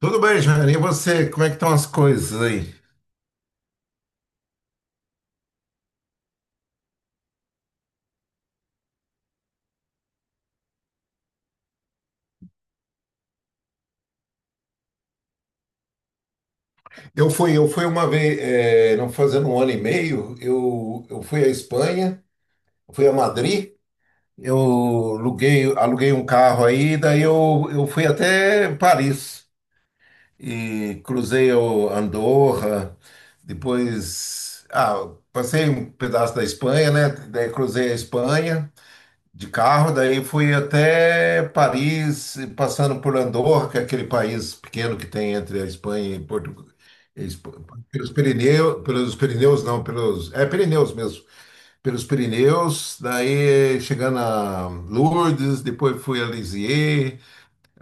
Tudo bem, Jair? E você? Como é que estão as coisas aí? Eu fui uma vez, não fazendo um ano e meio, eu fui à Espanha, fui a Madrid, eu aluguei um carro aí, daí eu fui até Paris e cruzei o Andorra, depois, passei um pedaço da Espanha, né? Daí cruzei a Espanha de carro, daí fui até Paris, passando por Andorra, que é aquele país pequeno que tem entre a Espanha e Portugal. Pelos Pirineus não, pelos, é Pirineus mesmo, pelos Pirineus, daí chegando a Lourdes, depois fui a Lisieux,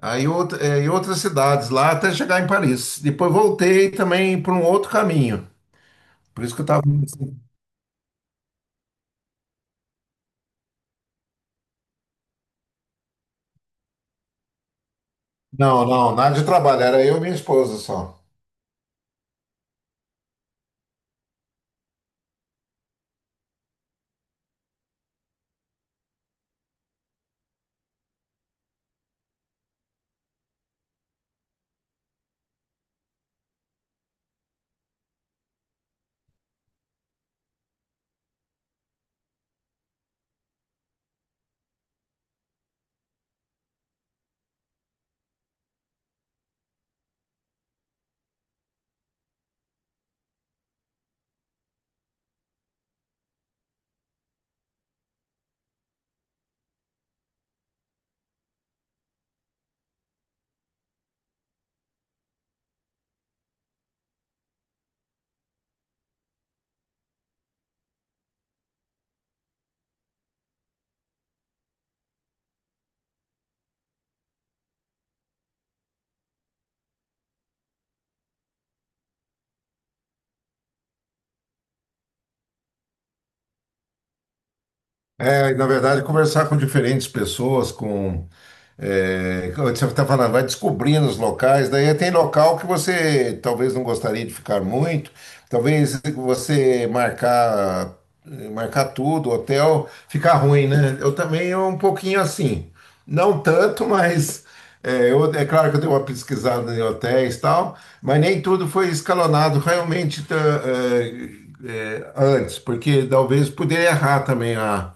aí outra, é, em outras cidades lá até chegar em Paris. Depois voltei também por um outro caminho, por isso que eu estava. Não, não, nada de trabalho, era eu e minha esposa só. É, e, na verdade, conversar com diferentes pessoas, com. É, como você está falando, vai descobrindo os locais, daí tem local que você talvez não gostaria de ficar muito, talvez você marcar, tudo, hotel, fica ruim, né? Eu também é um pouquinho assim, não tanto, mas é claro que eu dei uma pesquisada em hotéis e tal, mas nem tudo foi escalonado realmente tá, antes, porque talvez poderia errar também a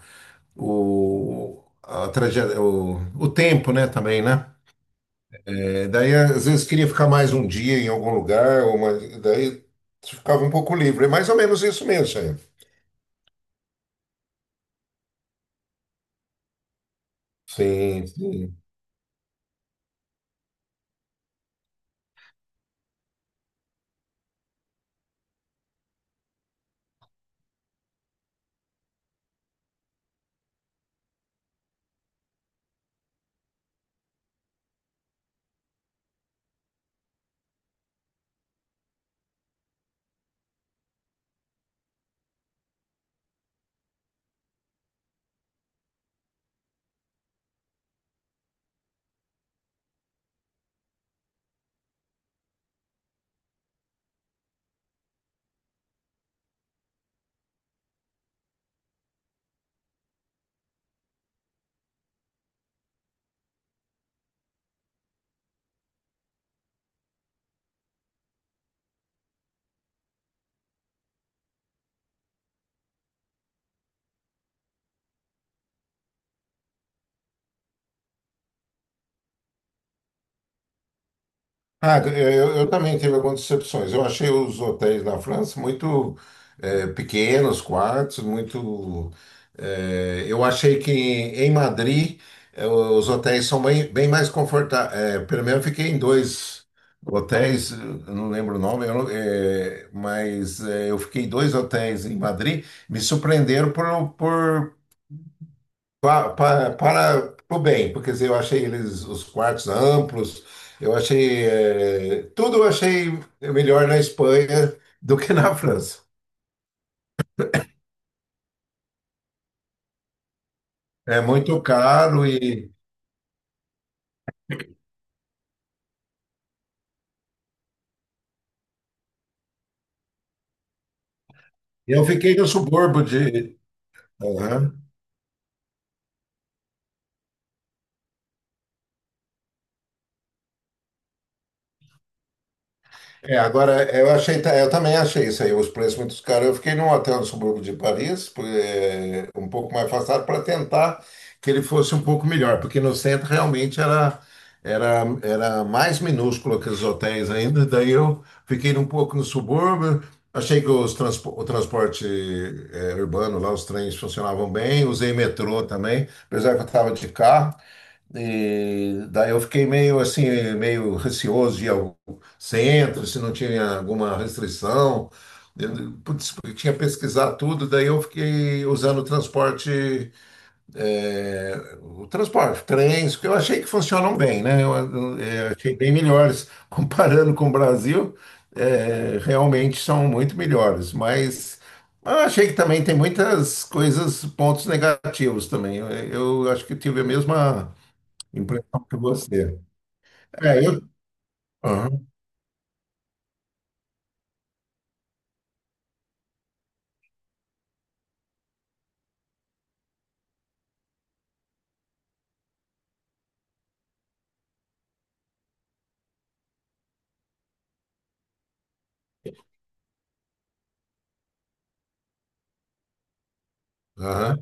o, a trajetória, o tempo, né, também, né? É, daí, às vezes, queria ficar mais um dia em algum lugar, ou uma, daí ficava um pouco livre. É mais ou menos isso mesmo, Sayão. Sim, sim. Ah, eu também tive algumas decepções. Eu achei os hotéis na França muito pequenos, quartos, muito. Eh, eu achei que em Madrid os hotéis são bem, bem mais confortáveis. Pelo menos eu fiquei em dois hotéis, eu não lembro o nome, eu não- eh, mas eh, eu fiquei em dois hotéis em Madrid, me surpreenderam para, o bem, porque quer dizer, eu achei eles os quartos amplos, eu achei tudo eu achei melhor na Espanha do que na França. É muito caro e eu fiquei no subúrbio de. É, agora eu achei, eu também achei isso aí, os preços muito caros. Eu fiquei num hotel no subúrbio de Paris, um pouco mais afastado, para tentar que ele fosse um pouco melhor, porque no centro realmente era mais minúsculo que os hotéis ainda. Daí eu fiquei um pouco no subúrbio, achei que os o transporte urbano lá, os trens funcionavam bem, usei metrô também, apesar que eu estava de carro. E daí eu fiquei meio assim, meio receoso de ir centro, se não tinha alguma restrição. Eu, putz, porque tinha pesquisado tudo, daí eu fiquei usando o transporte, é, o transporte, trens, porque eu achei que funcionam bem, né? Achei bem melhores. Comparando com o Brasil, é, realmente são muito melhores, mas eu achei que também tem muitas coisas, pontos negativos também. Eu acho que tive a mesma impressão que você. É, eu. Aham, aham.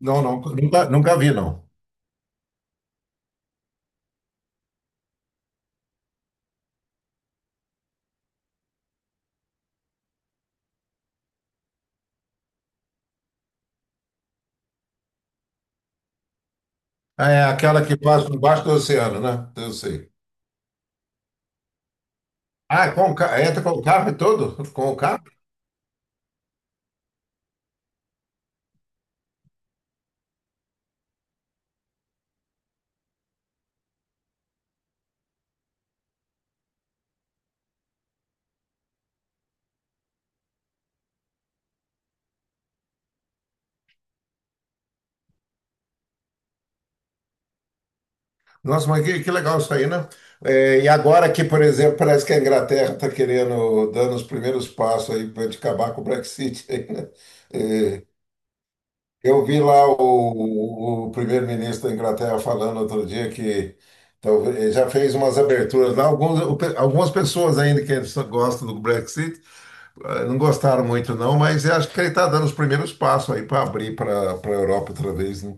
Não, não, nunca, nunca vi, não. Ah, é aquela que passa debaixo do oceano, né? Eu sei. Ah, é com, entra com o carro e tudo? Com o carro? Nossa, mas que legal isso aí, né? É, e agora que, por exemplo, parece que a Inglaterra está querendo, dando os primeiros passos aí para acabar com o Brexit, aí, né? É, eu vi lá o primeiro-ministro da Inglaterra falando outro dia que talvez, já fez umas aberturas lá. Algumas pessoas ainda que gostam do Brexit, não gostaram muito, não, mas eu acho que ele está dando os primeiros passos aí para abrir para a Europa outra vez, né?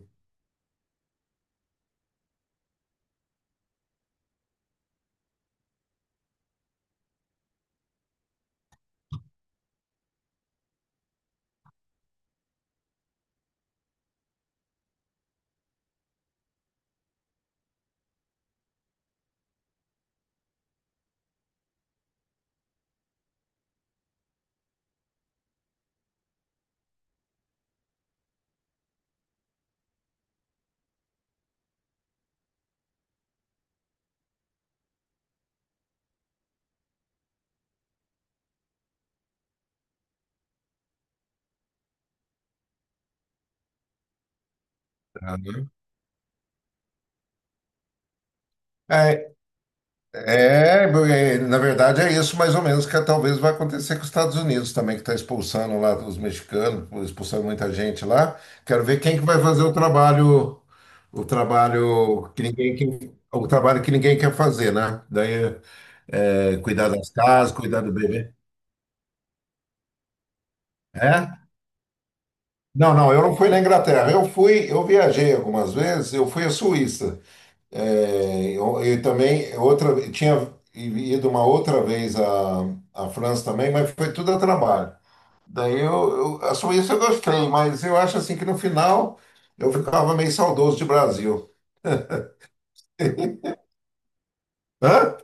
Ah, né? É, na verdade é isso mais ou menos que talvez vai acontecer com os Estados Unidos também, que está expulsando lá os mexicanos, expulsando muita gente lá. Quero ver quem que vai fazer o trabalho que ninguém, o trabalho que ninguém quer fazer, né? Daí, cuidar das casas, cuidar do bebê. É? Não, não, eu não fui na Inglaterra. Eu fui, eu viajei algumas vezes, eu fui à Suíça. É, eu também outra, tinha ido uma outra vez à, França também, mas foi tudo a trabalho. Daí a Suíça eu gostei, mas eu acho assim que no final eu ficava meio saudoso de Brasil. Hã?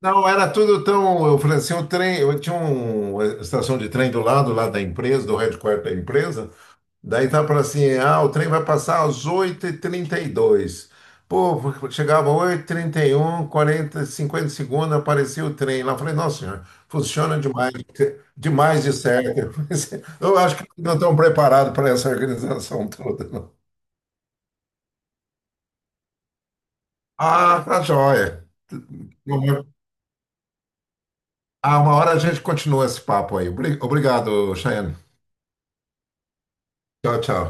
Não, era tudo tão. Eu falei assim, o trem, eu tinha uma estação de trem do lado lá da empresa, do headquarter da empresa. Daí tá para assim, o trem vai passar às 8:32. Pô, chegava 8:31, 40, 50 segundos, aparecia o trem lá. Eu falei, nossa senhora, funciona demais, demais de certo. Eu acho que não estão preparados para essa organização toda, não. Ah, tá joia. Ah, uma hora a gente continua esse papo aí. Obrigado, Cheyenne. Tchau, tchau.